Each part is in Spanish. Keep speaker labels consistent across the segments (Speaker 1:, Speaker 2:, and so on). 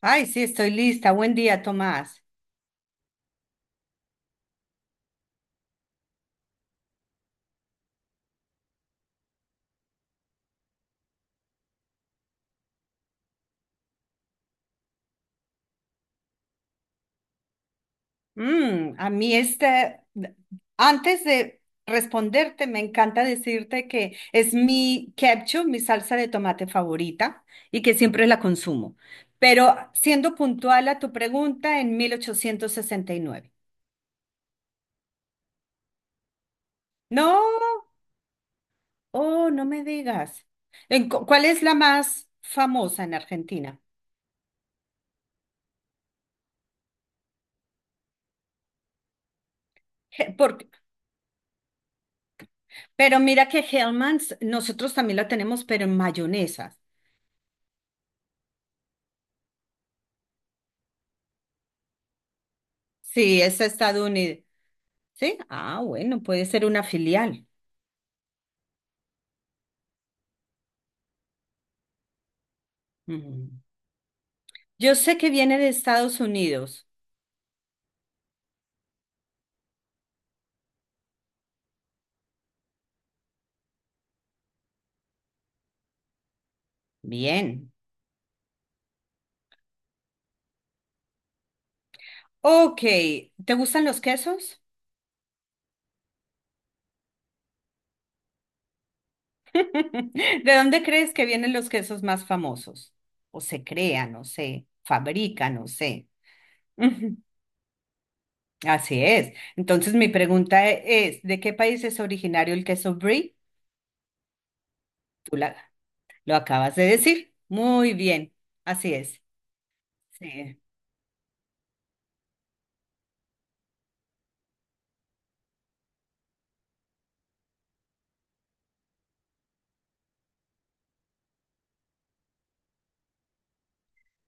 Speaker 1: Ay, sí, estoy lista. Buen día, Tomás. Mm, a mí este, antes de responderte, me encanta decirte que es mi ketchup, mi salsa de tomate favorita y que siempre la consumo. Pero siendo puntual a tu pregunta, en 1869. No, oh, no me digas. ¿Cuál es la más famosa en Argentina? Je- por- pero mira que Hellmann's, nosotros también la tenemos, pero en mayonesa. Sí, es estadounidense. Sí, ah, bueno, puede ser una filial. Mm. Yo sé que viene de Estados Unidos. Bien. Ok, ¿te gustan los quesos? ¿De dónde crees que vienen los quesos más famosos? O se crean, o se fabrican, o sé. Ujú, así es. Entonces mi pregunta es, ¿de qué país es originario el queso brie? Tú la- lo acabas de decir. Muy bien, así es. Sí.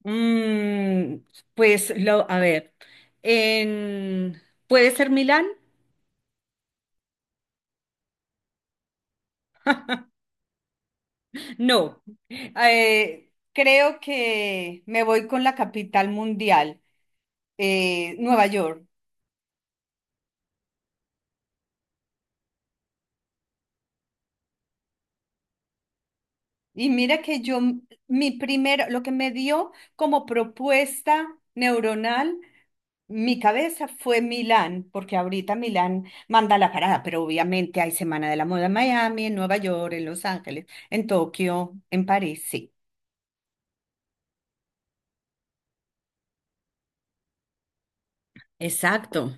Speaker 1: Mm, pues lo, a ver, en- ¿puede ser Milán? No, creo que me voy con la capital mundial, Nueva York. Y mira que yo, mi primero, lo que me dio como propuesta neuronal, mi cabeza fue Milán, porque ahorita Milán manda la parada, pero obviamente hay Semana de la Moda en Miami, en Nueva York, en Los Ángeles, en Tokio, en París, sí. Exacto.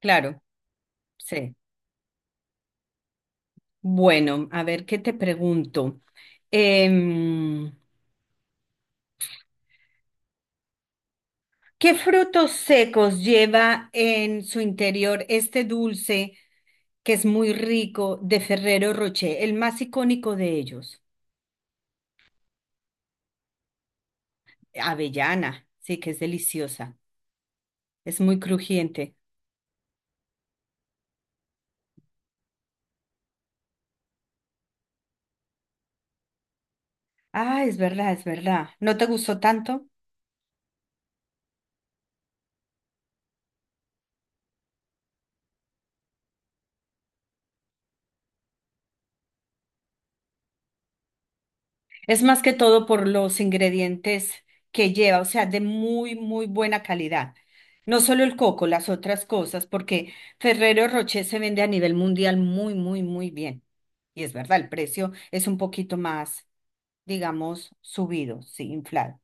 Speaker 1: Claro, sí. Bueno, a ver, ¿qué te pregunto? Em, ¿Qué frutos secos lleva en su interior este dulce que es muy rico de Ferrero Rocher, el más icónico de ellos? Avellana, sí, que es deliciosa, es muy crujiente. Ah, es verdad, es verdad. ¿No te gustó tanto? Es más que todo por los ingredientes que lleva, o sea, de muy, muy buena calidad. No solo el coco, las otras cosas, porque Ferrero Rocher se vende a nivel mundial muy, muy, muy bien. Y es verdad, el precio es un poquito más, digamos, subido, sí, inflado.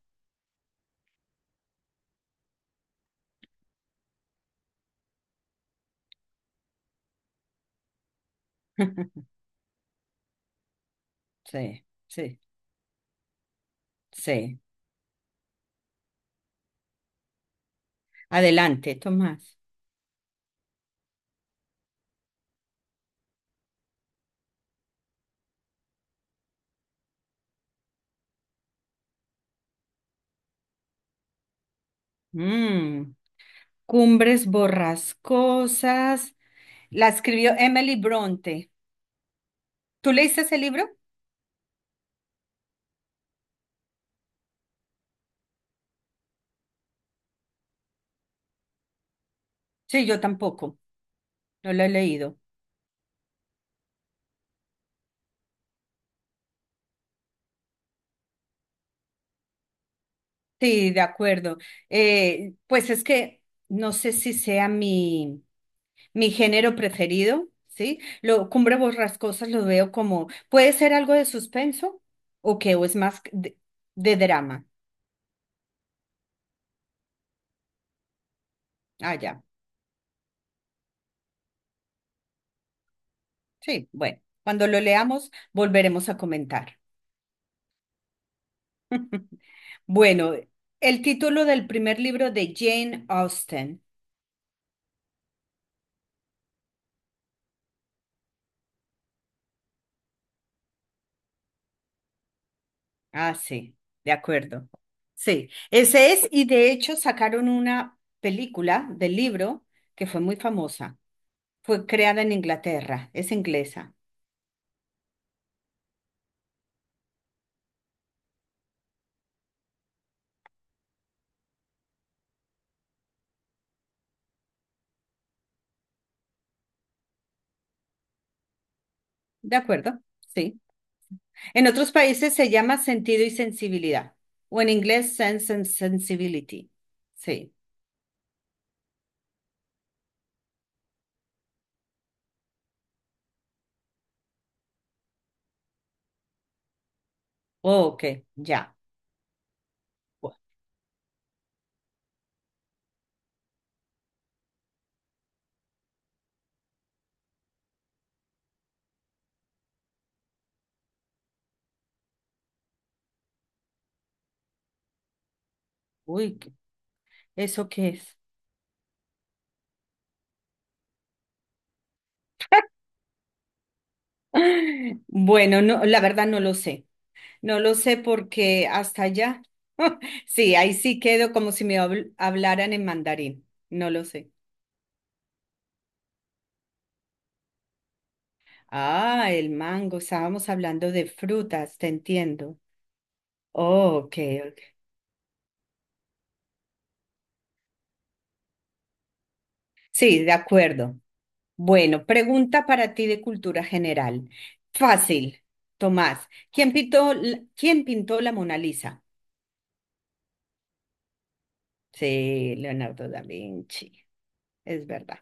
Speaker 1: Sí, sí, sí. Adelante, Tomás. Mm, Cumbres borrascosas. La escribió Emily Bronte. ¿Tú leíste ese libro? Sí, yo tampoco. No lo he leído. Sí, de acuerdo. Pues es que no sé si sea mi género preferido, ¿sí? Lo, Cumbre Borrascosas lo veo como, puede ser algo de suspenso o que o es más de drama. Ah, ya. Sí, bueno. Cuando lo leamos, volveremos a comentar. Bueno, el título del primer libro de Jane Austen. Ah, sí, de acuerdo. Sí, ese es, y de hecho sacaron una película del libro que fue muy famosa. Fue creada en Inglaterra, es inglesa. De acuerdo, sí. En otros países se llama sentido y sensibilidad, o en inglés sense and sensibility. Sí. Oh, ok, ya. Bu- Uy, ¿eso qué es? Bueno, no, la verdad no lo sé. No lo sé porque hasta allá. Sí, ahí sí quedo como si me hablaran en mandarín. No lo sé. Ah, el mango. Estábamos hablando de frutas, te entiendo. Oh, ok. Ok. Sí, de acuerdo. Bueno, pregunta para ti de cultura general. Fácil, Tomás. ¿Quién pintó la Mona Lisa? Sí, Leonardo da Vinci. Es verdad.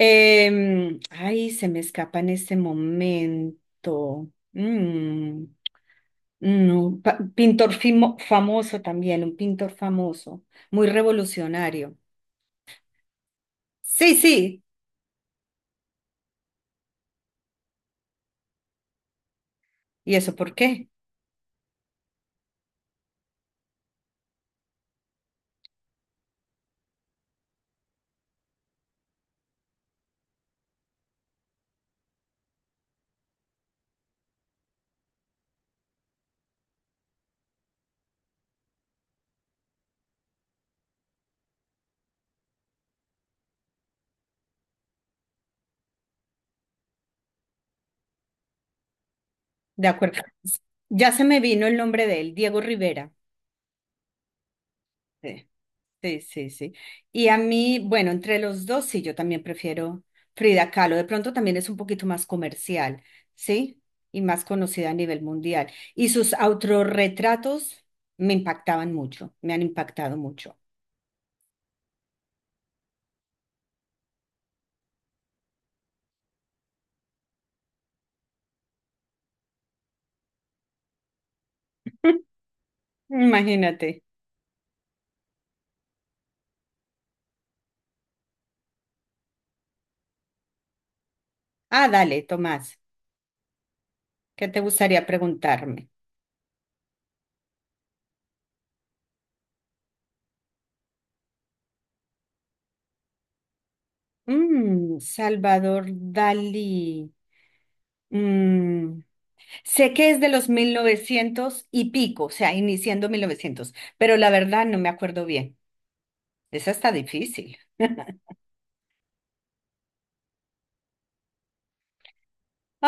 Speaker 1: Ay, se me escapa en este momento. Mm, no, pintor famoso también, un pintor famoso, muy revolucionario. Sí, sí. ¿Y eso por qué? De acuerdo. Ya se me vino el nombre de él, Diego Rivera. Sí, sí, sí, sí. Y a mí, bueno, entre los dos, sí, yo también prefiero Frida Kahlo. De pronto también es un poquito más comercial, ¿sí? Y más conocida a nivel mundial. Y sus autorretratos me impactaban mucho, me han impactado mucho. Imagínate. Ah, dale, Tomás, ¿qué te gustaría preguntarme? Mm, Salvador Dalí. Mm, Sé que es de los 1900 y pico, o sea, iniciando 1900, pero la verdad no me acuerdo bien. Esa está difícil.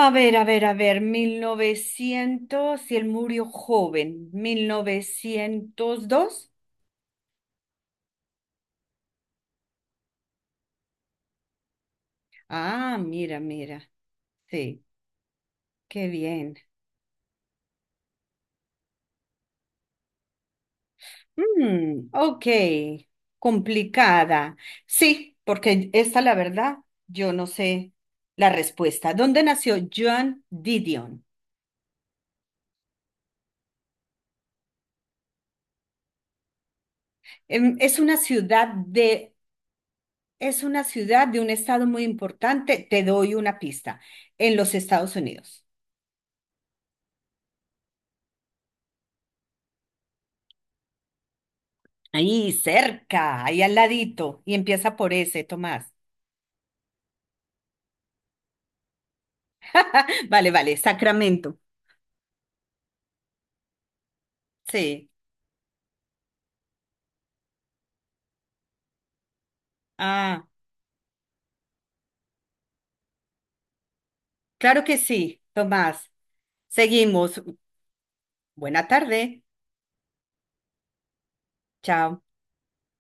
Speaker 1: A ver, a ver, a ver, 1900, y él murió joven, 1902. Ah, mira, mira. Sí, qué bien. Mm, ok, complicada. Sí, porque esta, la verdad, yo no sé la respuesta. ¿Dónde nació Joan Didion? Em, Es una ciudad de Es una ciudad de un estado muy importante. Te doy una pista. En los Estados Unidos. Ahí cerca, ahí al ladito. Y empieza por ese, Tomás. Vale, vale, Sacramento. Sí. Ah, claro que sí, Tomás. Seguimos. Buena tarde. Chao.